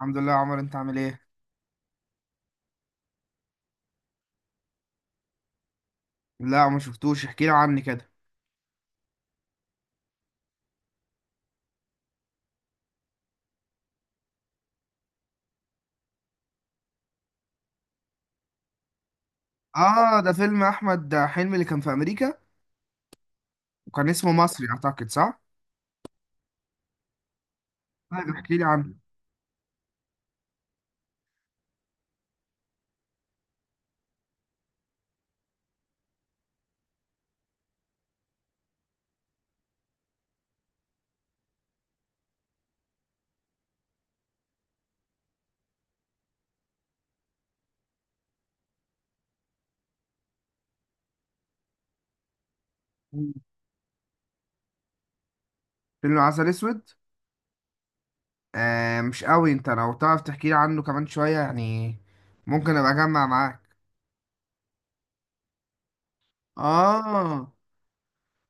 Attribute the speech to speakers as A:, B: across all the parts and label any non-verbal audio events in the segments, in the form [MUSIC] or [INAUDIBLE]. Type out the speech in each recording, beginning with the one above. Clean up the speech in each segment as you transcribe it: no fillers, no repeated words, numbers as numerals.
A: الحمد لله يا عمر، انت عامل ايه؟ لا، ما شفتوش. احكي لي عني كده. اه، ده فيلم احمد حلمي اللي كان في امريكا وكان اسمه مصري اعتقد، صح؟ طيب، احكي لي عنه. مم. فيلم عسل اسود. آه، مش قوي. انت لو تعرف تحكي لي عنه كمان شوية يعني ممكن ابقى اجمع معاك. اه،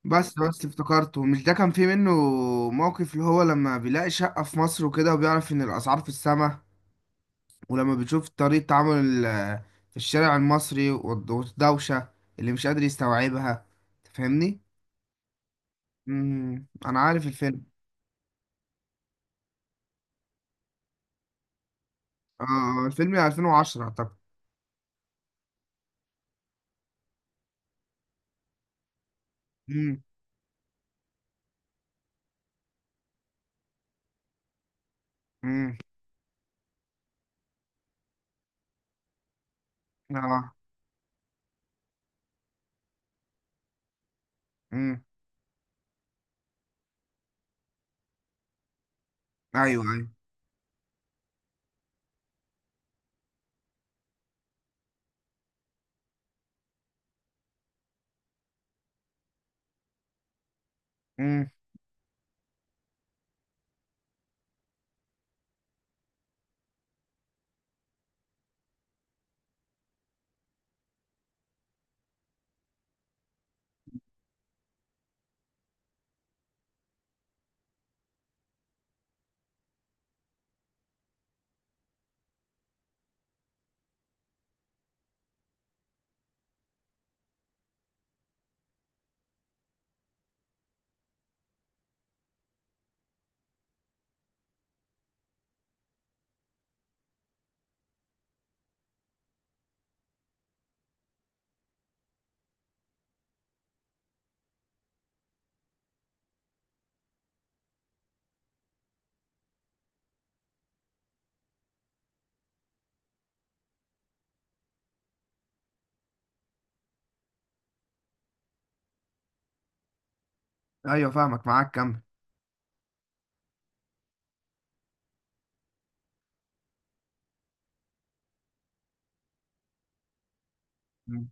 A: بس افتكرته، مش ده كان فيه منه موقف اللي هو لما بيلاقي شقة في مصر وكده وبيعرف ان الاسعار في السما؟ ولما بتشوف طريقة تعامل في الشارع المصري والدوشة اللي مش قادر يستوعبها. تفهمني؟ مم. أنا عارف الفيلم. آه الفيلم 2010 أعتقد. مم. مم. آه. مم. أيوه أيوه. مم. أيوه، فاهمك، معاك كمل. مم.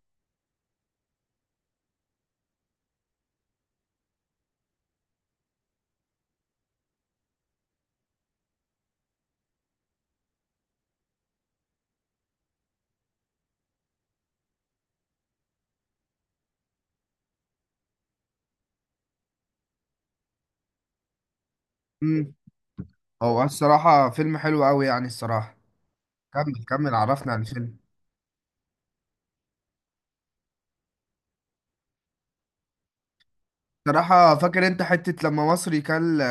A: مم. هو الصراحة فيلم حلو أوي يعني، الصراحة. كمل كمل، عرفنا عن الفيلم. صراحة فاكر أنت حتة لما مصري كل.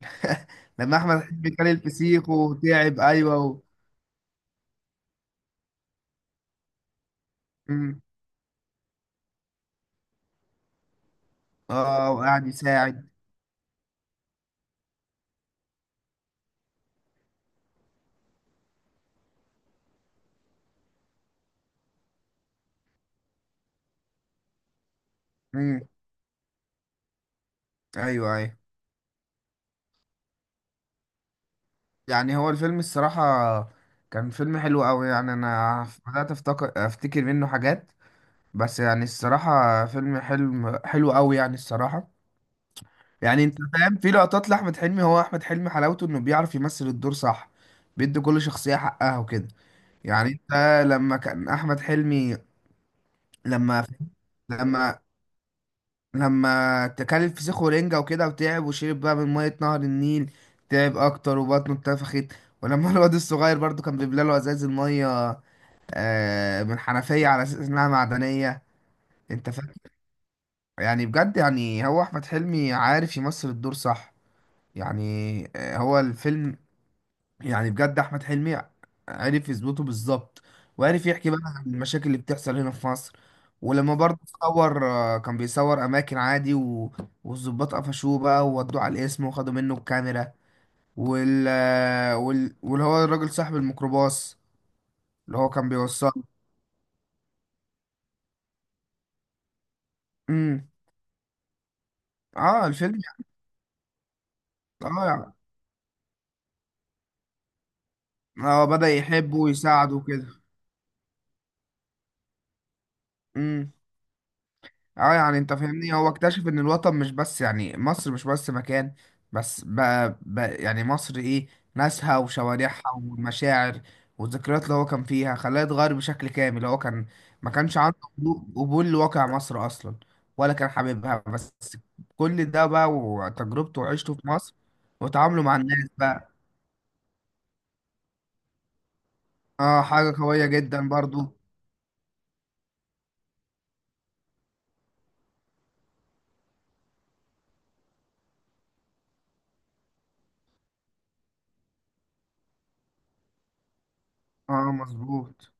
A: [LAUGHS] لما أحمد حلمي كل الفسيخ وتعب، أيوه و. مم. اه، وقاعد يساعد. امم. ايوه ايوه. يعني هو الفيلم الصراحة كان فيلم حلو قوي يعني، انا بدأت افتكر منه حاجات. بس يعني الصراحة فيلم حلو قوي يعني الصراحة. يعني انت فاهم، في لقطات لأحمد حلمي. هو احمد حلمي حلاوته انه بيعرف يمثل الدور، صح. بيدي كل شخصية حقها وكده. يعني انت، لما كان احمد حلمي، لما لما لما تكل الفسيخ ورنجة وكده وتعب وشرب بقى من مية نهر النيل، تعب أكتر وبطنه اتنفخت. ولما [LAUGHS] الواد الصغير برضو كان بيملى له ازاز المية من حنفية على أساس إنها معدنية. أنت فاهم؟ يعني بجد، يعني هو أحمد حلمي عارف يمثل الدور، صح. يعني هو الفيلم، يعني بجد احمد حلمي عرف يظبطه بالظبط، وعرف يحكي بقى عن المشاكل اللي بتحصل هنا في مصر. ولما برضه صور كان بيصور اماكن عادي و، والظباط قفشوه بقى وودوه على القسم وخدوا منه الكاميرا واللي هو الراجل صاحب الميكروباص اللي هو كان بيوصله. امم اه، الفيلم. يعني- اه يعني- اه، بدأ يحبه ويساعده وكده. امم. اه، يعني انت فاهمني، هو اكتشف ان الوطن مش بس، يعني مصر مش بس مكان، بس بقى يعني مصر ايه؟ ناسها وشوارعها والمشاعر والذكريات اللي هو كان فيها خلاه يتغير بشكل كامل. هو كان ما كانش عنده قبول لواقع مصر اصلا، ولا كان حاببها بس. كل ده بقى وتجربته وعيشته في مصر وتعامله مع الناس بقى. اه، حاجة قوية جدا برضو. اه، مظبوط.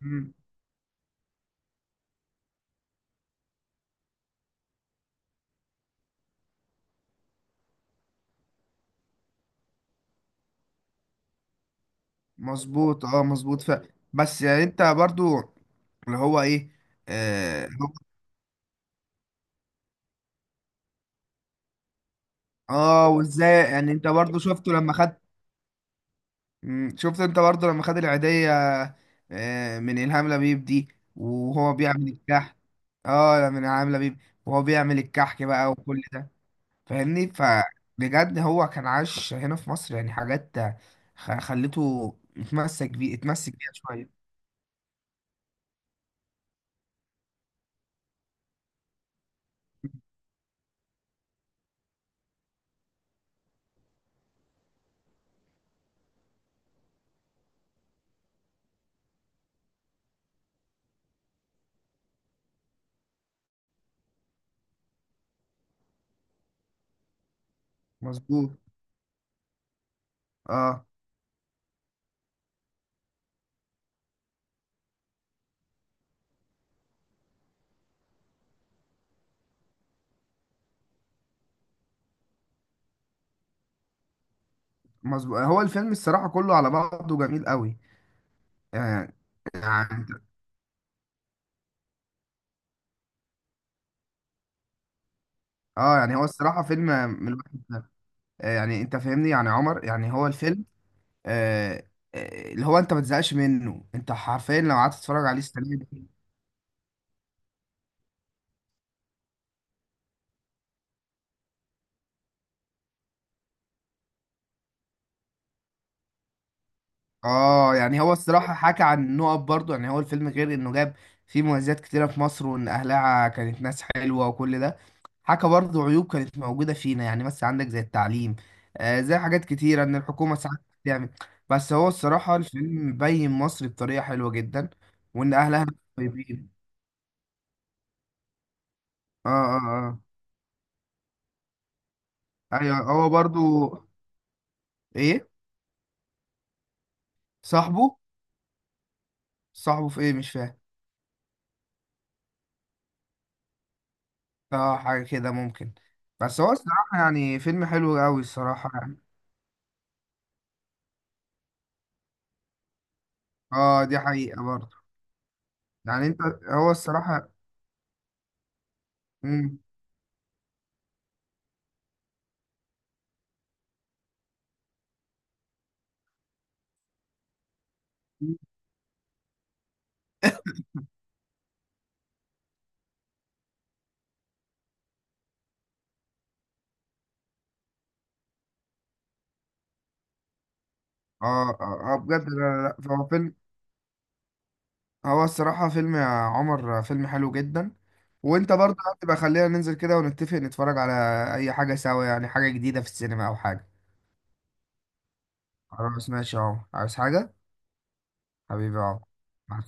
A: مم، مظبوط مظبوط بس يعني انت برضو، اللي هو ايه؟ اه. وازاي، يعني انت برضو شفته لما خد، مم، شفت انت برضو لما خد العيدية من إلهام لبيب دي وهو بيعمل الكحك؟ اه، من إلهام لبيب وهو بيعمل الكحك بقى وكل ده. فاهمني؟ فبجد هو كان عاش هنا في مصر يعني حاجات خلته اتمسك بيها شوية. مظبوط، اه مظبوط. هو الفيلم الصراحة كله على بعضه جميل قوي. آه، يعني، اه يعني هو الصراحة فيلم من الواحد ده. يعني انت فاهمني يعني عمر، يعني هو الفيلم، آه، اللي هو انت ما تزهقش منه، انت حرفيا لو قعدت تتفرج عليه السنة دي. اه، يعني هو الصراحة حكى عن نقط برضه. يعني هو الفيلم غير انه جاب فيه مميزات كتيرة في مصر وان اهلها كانت ناس حلوة وكل ده، حكى برضه عيوب كانت موجودة فينا، يعني مثلا عندك زي التعليم، زي حاجات كتيرة ان الحكومة ساعات بتعمل. بس هو الصراحة الفيلم بين مصر بطريقة حلوة جدا وان اهلها طيبين. اه اه. اه ايوه، هو برضو ايه؟ صاحبه، صاحبه في ايه؟ مش فاهم. اه، حاجه كده ممكن. بس هو الصراحه يعني فيلم حلو قوي الصراحه يعني. اه، دي حقيقه برضو. يعني انت، هو الصراحه، مم. [LAUGHS] اه اه، بجد، لا لا لا، هو فيلم، هو الصراحه فيلم يا عمر، فيلم حلو جدا. وانت برضه هتبقى، خلينا ننزل كده ونتفق نتفرج على اي حاجه سوا، يعني حاجه جديده في السينما او حاجه. خلاص، ماشي يا عمر، عايز حاجه؟ حبيبي يا عمر، مع